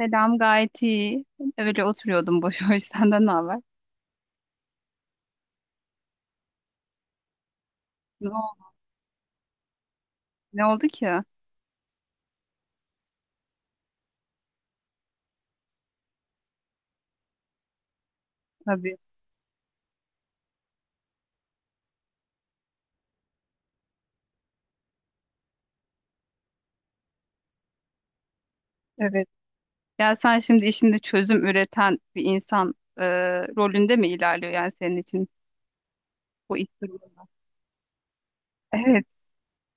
Selam, gayet iyi. Öyle oturuyordum boş boş. Senden ne haber? Ne oldu? Ne oldu ki? Tabii. Evet. Ya sen şimdi işinde çözüm üreten bir insan rolünde mi ilerliyor yani senin için bu iş durumunda? Evet.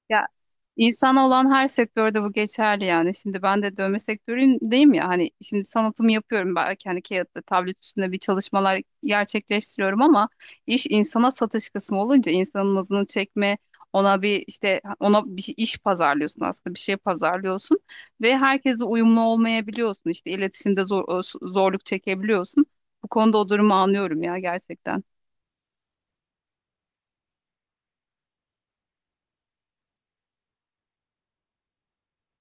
Ya, İnsan olan her sektörde bu geçerli yani. Şimdi ben de dövme sektöründeyim ya, hani şimdi sanatımı yapıyorum, belki hani kağıtta, tablet üstünde bir çalışmalar gerçekleştiriyorum ama iş insana satış kısmı olunca insanın nazını çekme, ona bir işte iş pazarlıyorsun, aslında bir şey pazarlıyorsun ve herkese uyumlu olmayabiliyorsun, işte iletişimde zorluk çekebiliyorsun. Bu konuda o durumu anlıyorum ya, gerçekten.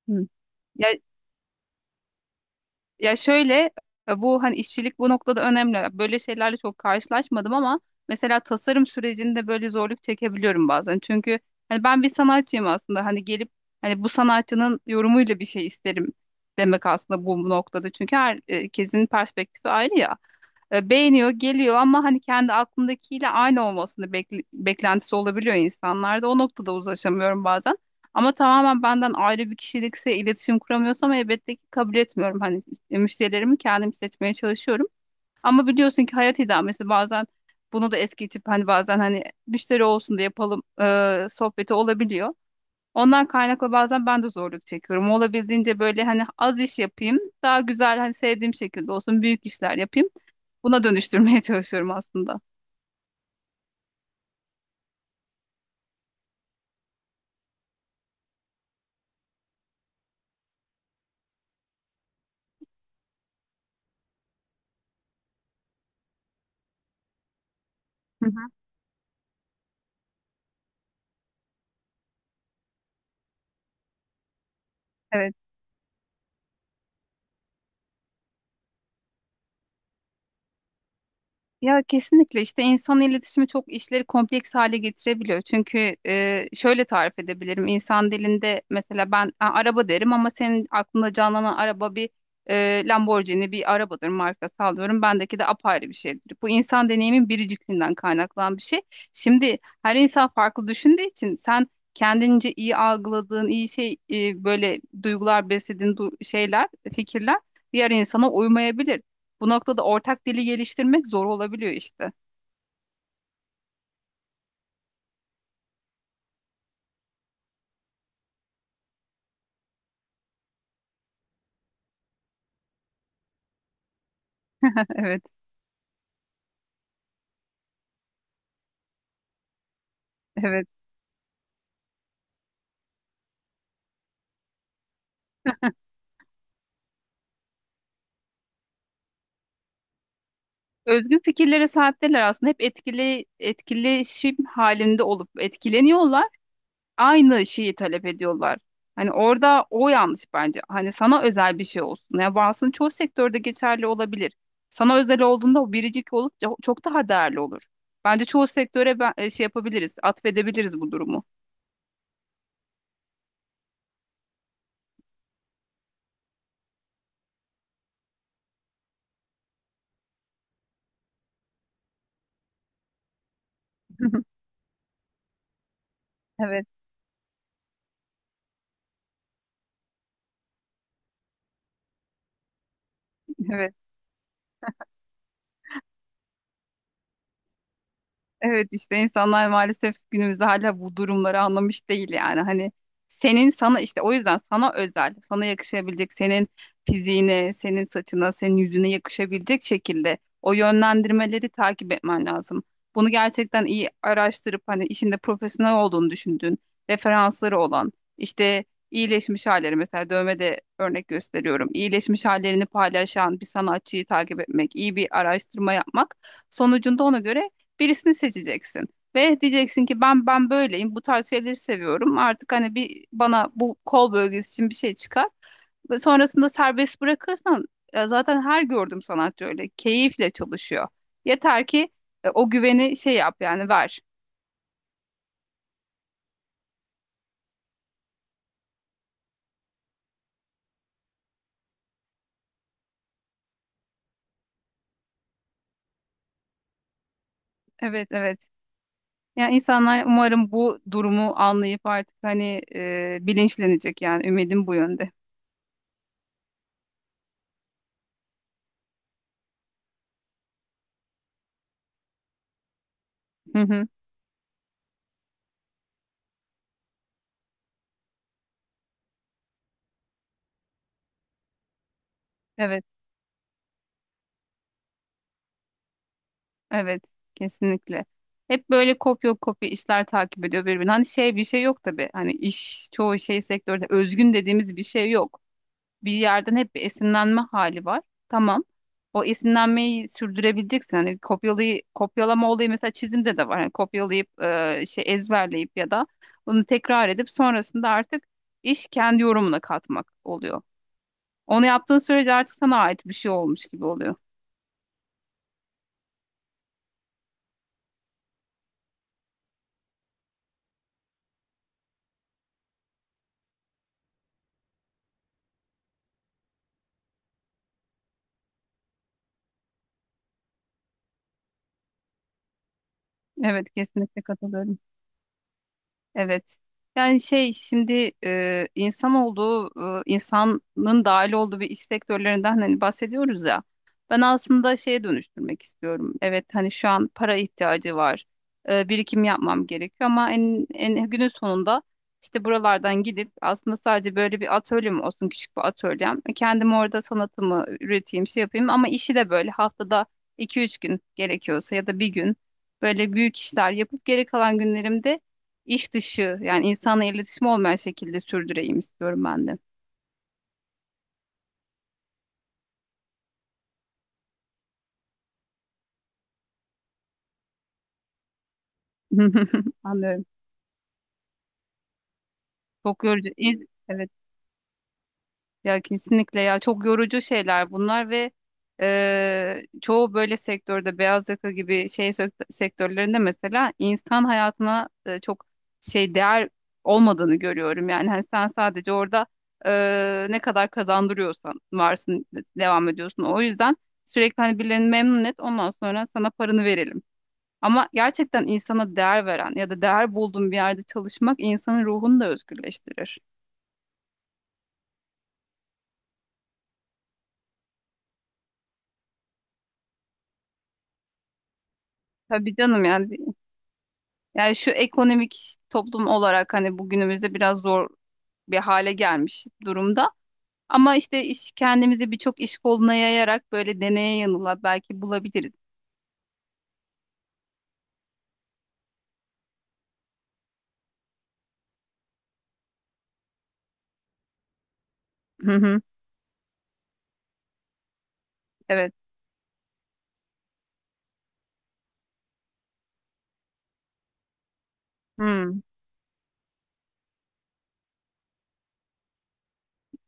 Hı. Ya şöyle, bu hani işçilik bu noktada önemli. Böyle şeylerle çok karşılaşmadım ama mesela tasarım sürecinde böyle zorluk çekebiliyorum bazen. Çünkü hani ben bir sanatçıyım aslında. Hani gelip hani bu sanatçının yorumuyla bir şey isterim demek aslında bu noktada. Çünkü herkesin perspektifi ayrı ya, beğeniyor, geliyor ama hani kendi aklındakiyle aynı olmasını beklentisi olabiliyor insanlarda. O noktada uzlaşamıyorum bazen. Ama tamamen benden ayrı bir kişilikse, iletişim kuramıyorsam elbette ki kabul etmiyorum. Hani müşterilerimi kendim seçmeye çalışıyorum. Ama biliyorsun ki hayat idamesi bazen bunu da es geçip hani bazen hani müşteri olsun da yapalım sohbeti olabiliyor. Ondan kaynaklı bazen ben de zorluk çekiyorum. Olabildiğince böyle hani az iş yapayım, daha güzel hani sevdiğim şekilde olsun, büyük işler yapayım. Buna dönüştürmeye çalışıyorum aslında. Hı hı. Evet. Ya kesinlikle işte insan iletişimi çok işleri kompleks hale getirebiliyor. Çünkü şöyle tarif edebilirim. İnsan dilinde mesela ben "Ha, araba" derim ama senin aklında canlanan araba bir Lamborghini bir arabadır, markası alıyorum. Bendeki de apayrı bir şeydir. Bu insan deneyimin biricikliğinden kaynaklanan bir şey. Şimdi her insan farklı düşündüğü için sen kendince iyi algıladığın, iyi şey, böyle duygular beslediğin şeyler, fikirler diğer insana uymayabilir. Bu noktada ortak dili geliştirmek zor olabiliyor işte. Evet, evet. Özgün fikirlere sahipler aslında. Hep etkili etkileşim halinde olup etkileniyorlar. Aynı şeyi talep ediyorlar. Hani orada o yanlış bence. Hani sana özel bir şey olsun. Ya bu aslında çoğu sektörde geçerli olabilir. Sana özel olduğunda o biricik olup çok daha değerli olur. Bence çoğu sektöre ben, şey yapabiliriz, atfedebiliriz bu durumu. Evet, evet. Evet işte insanlar maalesef günümüzde hala bu durumları anlamış değil yani. Hani senin sana işte o yüzden sana özel, sana yakışabilecek, senin fiziğine, senin saçına, senin yüzüne yakışabilecek şekilde o yönlendirmeleri takip etmen lazım. Bunu gerçekten iyi araştırıp hani işinde profesyonel olduğunu düşündüğün, referansları olan, işte iyileşmiş halleri mesela dövmede örnek gösteriyorum. İyileşmiş hallerini paylaşan bir sanatçıyı takip etmek, iyi bir araştırma yapmak sonucunda ona göre birisini seçeceksin. Ve diyeceksin ki ben böyleyim. Bu tarz şeyleri seviyorum. Artık hani bir bana bu kol bölgesi için bir şey çıkar. Ve sonrasında serbest bırakırsan zaten her gördüğüm sanatçı öyle keyifle çalışıyor. Yeter ki o güveni şey yap, yani ver. Evet, evet. Yani insanlar umarım bu durumu anlayıp artık hani bilinçlenecek, yani ümidim bu yönde. Hı hı. Evet. Evet, kesinlikle. Hep böyle kopya kopya işler takip ediyor birbirini. Hani şey bir şey yok tabii. Hani iş çoğu şey sektörde özgün dediğimiz bir şey yok. Bir yerden hep bir esinlenme hali var. Tamam. O esinlenmeyi sürdürebileceksin. Hani kopyalama olayı mesela çizimde de var. Hani kopyalayıp şey ezberleyip ya da bunu tekrar edip sonrasında artık iş kendi yorumuna katmak oluyor. Onu yaptığın sürece artık sana ait bir şey olmuş gibi oluyor. Evet, kesinlikle katılıyorum. Evet. Yani şey şimdi insan olduğu, insanın dahil olduğu bir iş sektörlerinden hani bahsediyoruz ya. Ben aslında şeye dönüştürmek istiyorum. Evet hani şu an para ihtiyacı var. Birikim yapmam gerekiyor ama en günün sonunda işte buralardan gidip aslında sadece böyle bir atölyem olsun, küçük bir atölyem. Kendim orada sanatımı üreteyim, şey yapayım ama işi de böyle haftada iki üç gün gerekiyorsa ya da bir gün böyle büyük işler yapıp geri kalan günlerimde iş dışı yani insanla iletişim olmayan şekilde sürdüreyim istiyorum ben de. Anlıyorum. Çok yorucu. Evet. Ya kesinlikle ya, çok yorucu şeyler bunlar ve çoğu böyle sektörde beyaz yaka gibi sektörlerinde mesela insan hayatına çok şey değer olmadığını görüyorum. Yani hani sen sadece orada ne kadar kazandırıyorsan varsın, devam ediyorsun. O yüzden sürekli hani birilerini memnun et, ondan sonra sana paranı verelim. Ama gerçekten insana değer veren ya da değer bulduğun bir yerde çalışmak insanın ruhunu da özgürleştirir. Tabii canım yani. Yani şu ekonomik toplum olarak hani bugünümüzde biraz zor bir hale gelmiş durumda. Ama işte iş kendimizi birçok iş koluna yayarak böyle deneye yanıla belki bulabiliriz. Hı hı. Evet. Hı,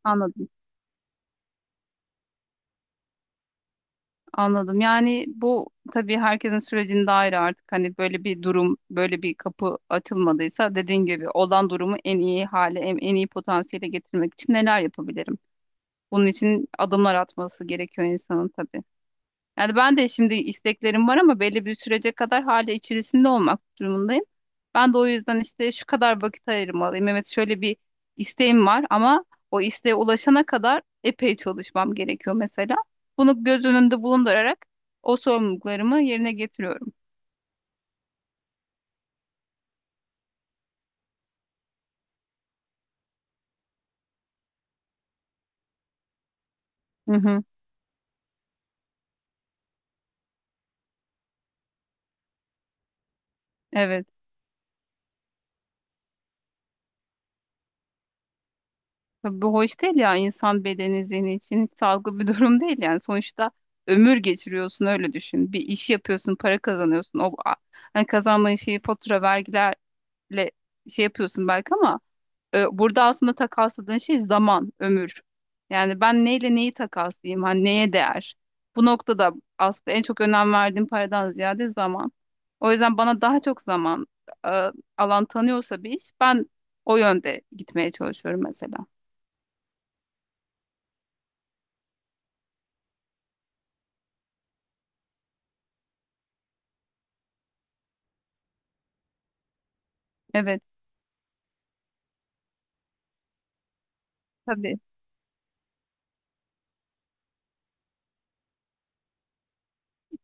anladım. Anladım. Yani bu tabii herkesin sürecinde ayrı artık. Hani böyle bir durum, böyle bir kapı açılmadıysa dediğin gibi olan durumu en iyi hale, en iyi potansiyele getirmek için neler yapabilirim? Bunun için adımlar atması gerekiyor insanın tabii. Yani ben de şimdi isteklerim var ama belli bir sürece kadar hala içerisinde olmak durumundayım. Ben de o yüzden işte şu kadar vakit ayırmalıyım. Evet şöyle bir isteğim var ama o isteğe ulaşana kadar epey çalışmam gerekiyor mesela. Bunu göz önünde bulundurarak o sorumluluklarımı yerine getiriyorum. Hı hı, evet. Tabii bu hoş değil ya, insan bedeni zihni için hiç sağlıklı bir durum değil yani. Sonuçta ömür geçiriyorsun, öyle düşün, bir iş yapıyorsun, para kazanıyorsun. Hani kazandığın şeyi fatura vergiler ile şey yapıyorsun belki ama burada aslında takasladığın şey zaman, ömür. Yani ben neyle neyi takaslayayım? Hani neye değer? Bu noktada aslında en çok önem verdiğim paradan ziyade zaman. O yüzden bana daha çok zaman e, alan tanıyorsa bir iş, ben o yönde gitmeye çalışıyorum mesela. Evet, tabii,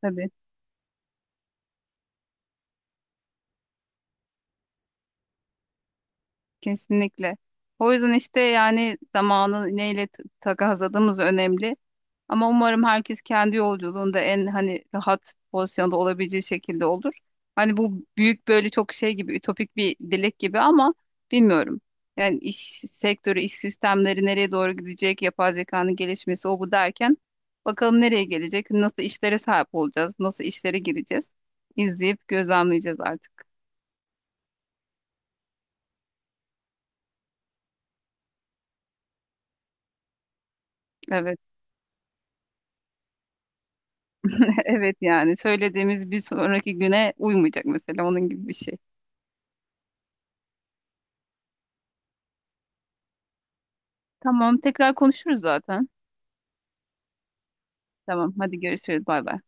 tabii. Kesinlikle. O yüzden işte yani zamanı neyle takasladığımız önemli. Ama umarım herkes kendi yolculuğunda en hani rahat pozisyonda olabileceği şekilde olur. Hani bu büyük böyle çok şey gibi ütopik bir dilek gibi ama bilmiyorum. Yani iş sektörü, iş sistemleri nereye doğru gidecek, yapay zekanın gelişmesi o bu derken bakalım nereye gelecek, nasıl işlere sahip olacağız, nasıl işlere gireceğiz. İzleyip gözlemleyeceğiz artık. Evet, evet yani söylediğimiz bir sonraki güne uymayacak, mesela onun gibi bir şey. Tamam, tekrar konuşuruz zaten. Tamam, hadi görüşürüz. Bay bay.